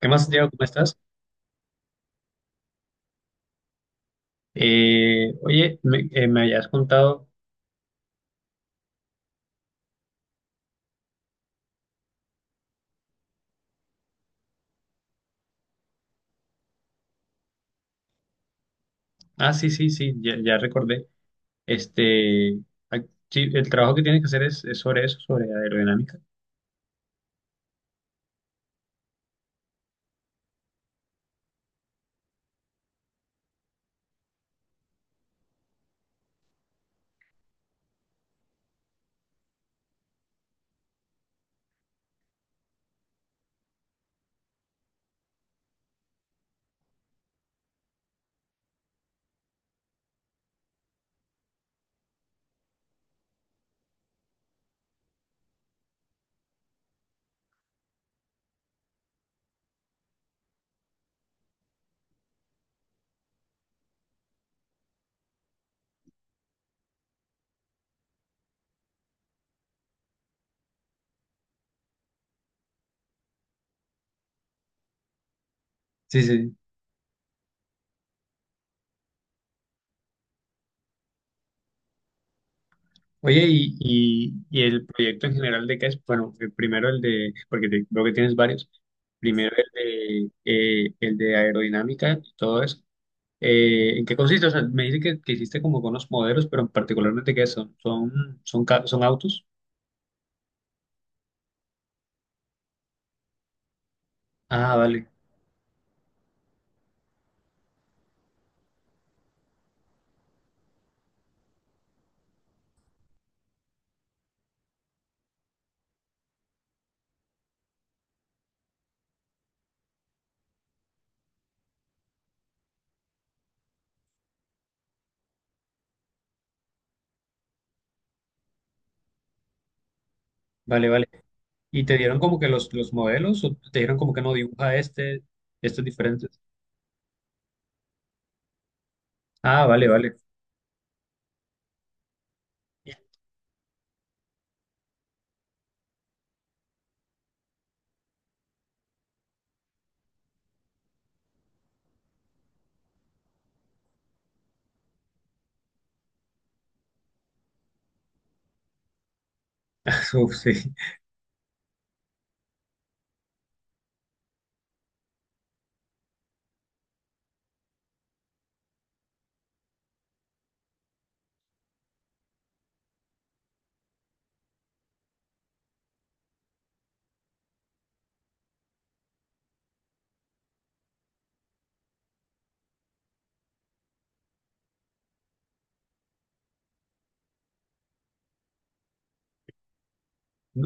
¿Qué más, Diego? ¿Cómo estás? Oye, me habías contado. Ah, sí, sí, sí, ya, ya recordé. Este, ah, sí, el trabajo que tienes que hacer es sobre eso, sobre aerodinámica. Sí, sí. Oye, y el proyecto en general de qué es, bueno, el primero el de, porque veo que tienes varios. Primero el de aerodinámica y todo eso. ¿En qué consiste? O sea, me dice que hiciste como con los modelos, pero particularmente qué son autos. Ah, vale. Vale, vale. ¿Y te dieron como que los modelos o te dieron como que no dibuja este, estos diferentes? Ah, vale, vale. Uf, sí.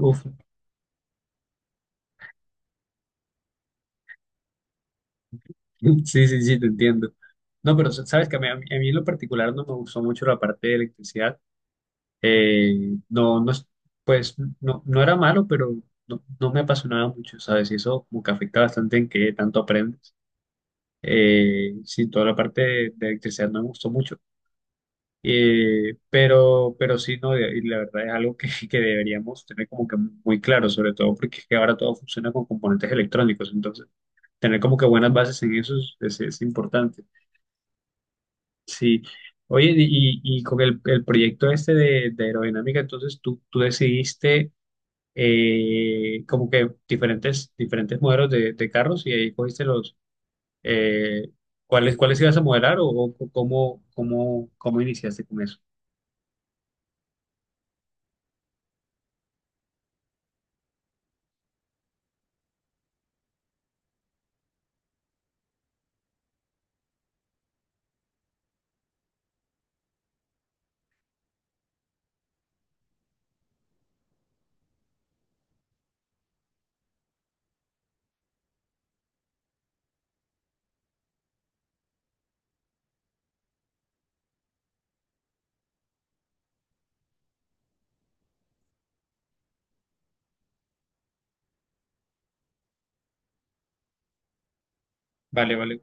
Uf. Sí, sí, sí, te entiendo. No, pero sabes que a mí en lo particular no me gustó mucho la parte de electricidad. Eh, no, no, es- pues no, no era malo, pero no, no me apasionaba mucho, ¿sabes? Y eso como que afecta bastante en qué tanto aprendes. Sí, toda la parte de electricidad no me gustó mucho. Pero sí, no, y la verdad es algo que, que deberíamos tener como que muy claro, sobre todo porque es que ahora todo funciona con componentes electrónicos, entonces tener como que buenas bases en eso es importante. Sí, oye, y con el proyecto este de aerodinámica, entonces tú decidiste como que diferentes modelos de carros y ahí cogiste eh, ¿cuáles, cuáles ibas a modelar o cómo iniciaste con eso? Vale, vale.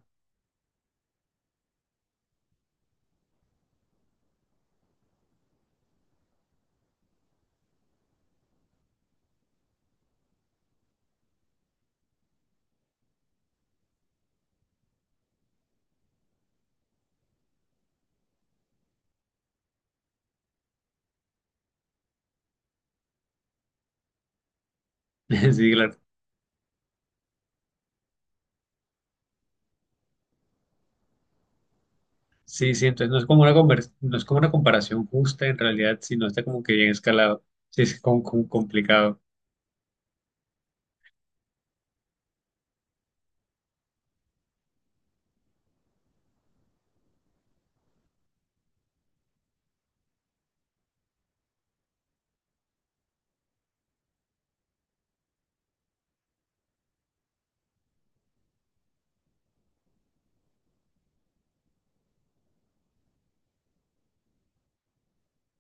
Sí, claro. Sí, sí, entonces no es como una no es como una comparación justa en realidad, sino está como que bien escalado. Sí, es como, como complicado.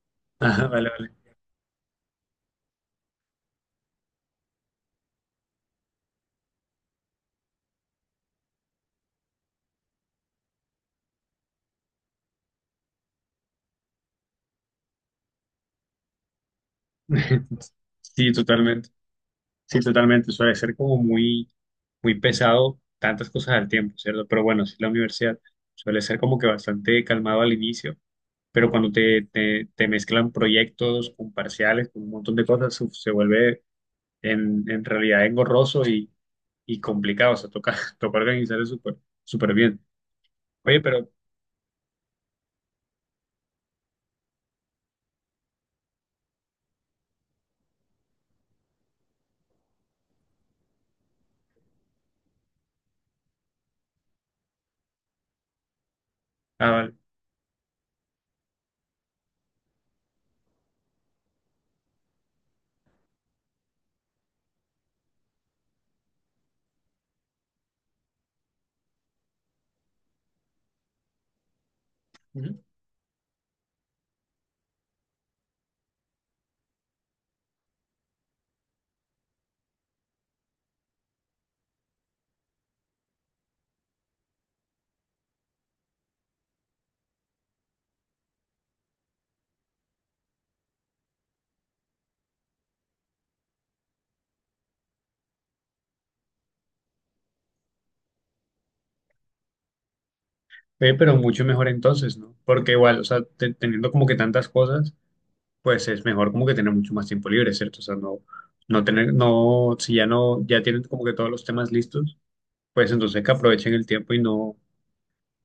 Ajá, vale, vale. Sí, totalmente. Sí, totalmente. Suele ser como muy, muy pesado tantas cosas al tiempo, ¿cierto? Pero bueno, sí, la universidad suele ser como que bastante calmado al inicio, pero cuando te mezclan proyectos con parciales, con un montón de cosas, uf, se vuelve en realidad engorroso y complicado. O sea, toca, toca organizar eso súper súper bien. Oye, pero ah, vale. Ujú. Ve, pero mucho mejor entonces, ¿no? Porque igual, o sea, teniendo como que tantas cosas, pues es mejor como que tener mucho más tiempo libre, ¿cierto? O sea, no, no tener, no, si ya no, ya tienen como que todos los temas listos, pues entonces que aprovechen el tiempo y no,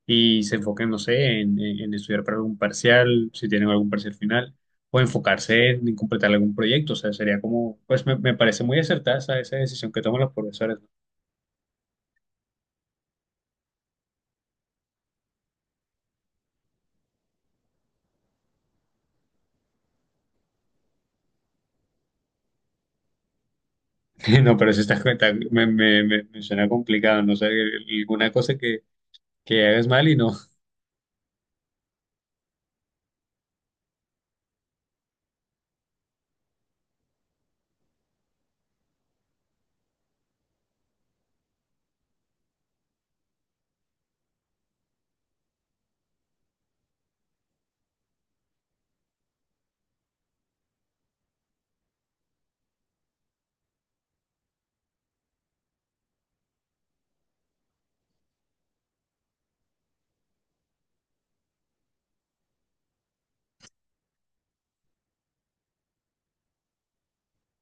y se enfoquen, no sé, en estudiar para algún parcial, si tienen algún parcial final, o enfocarse en completar algún proyecto, o sea, sería como, pues me parece muy acertada esa, esa decisión que toman los profesores, ¿no? No, pero si estás cuenta, me suena complicado, no sé, alguna cosa que hagas mal y no.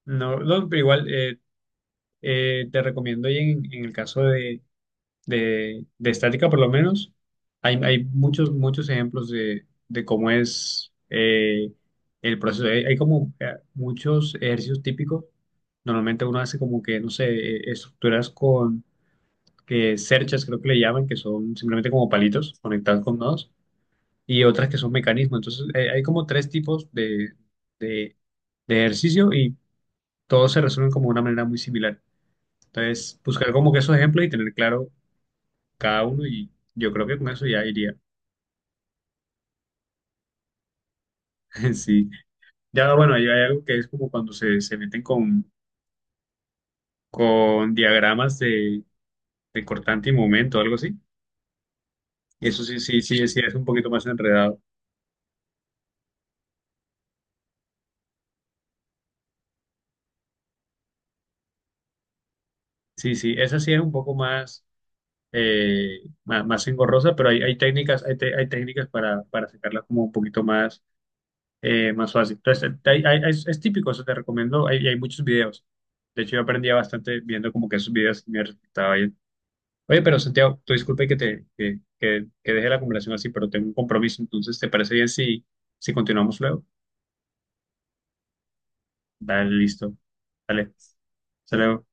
No, no, pero igual Te recomiendo y en el caso de estática por lo menos, hay muchos, muchos ejemplos de cómo es el proceso. Hay como muchos ejercicios típicos. Normalmente uno hace como que, no sé, estructuras con que cerchas, creo que le llaman, que son simplemente como palitos conectados con nodos y otras que son mecanismos. Entonces, hay como tres tipos de, de ejercicio y todos se resuelven como de una manera muy similar. Entonces, buscar como que esos ejemplos y tener claro cada uno y yo creo que con eso ya iría. Sí. Ya, bueno, ahí hay algo que es como cuando se meten con diagramas de cortante y momento, algo así. Eso sí, sí, sí, sí, es un poquito más enredado. Sí, sí, esa sí es un poco más más, engorrosa, pero hay técnicas, hay técnicas para sacarla como un poquito más, más fácil. Entonces, es típico, eso te recomiendo, hay muchos videos. De hecho, yo aprendía bastante viendo como que esos videos me resultaba bien. Oye, pero Santiago, tú disculpe que te que deje la conversación así, pero tengo un compromiso, entonces, ¿te parece bien si, si continuamos luego? Dale, listo. Dale, hasta luego.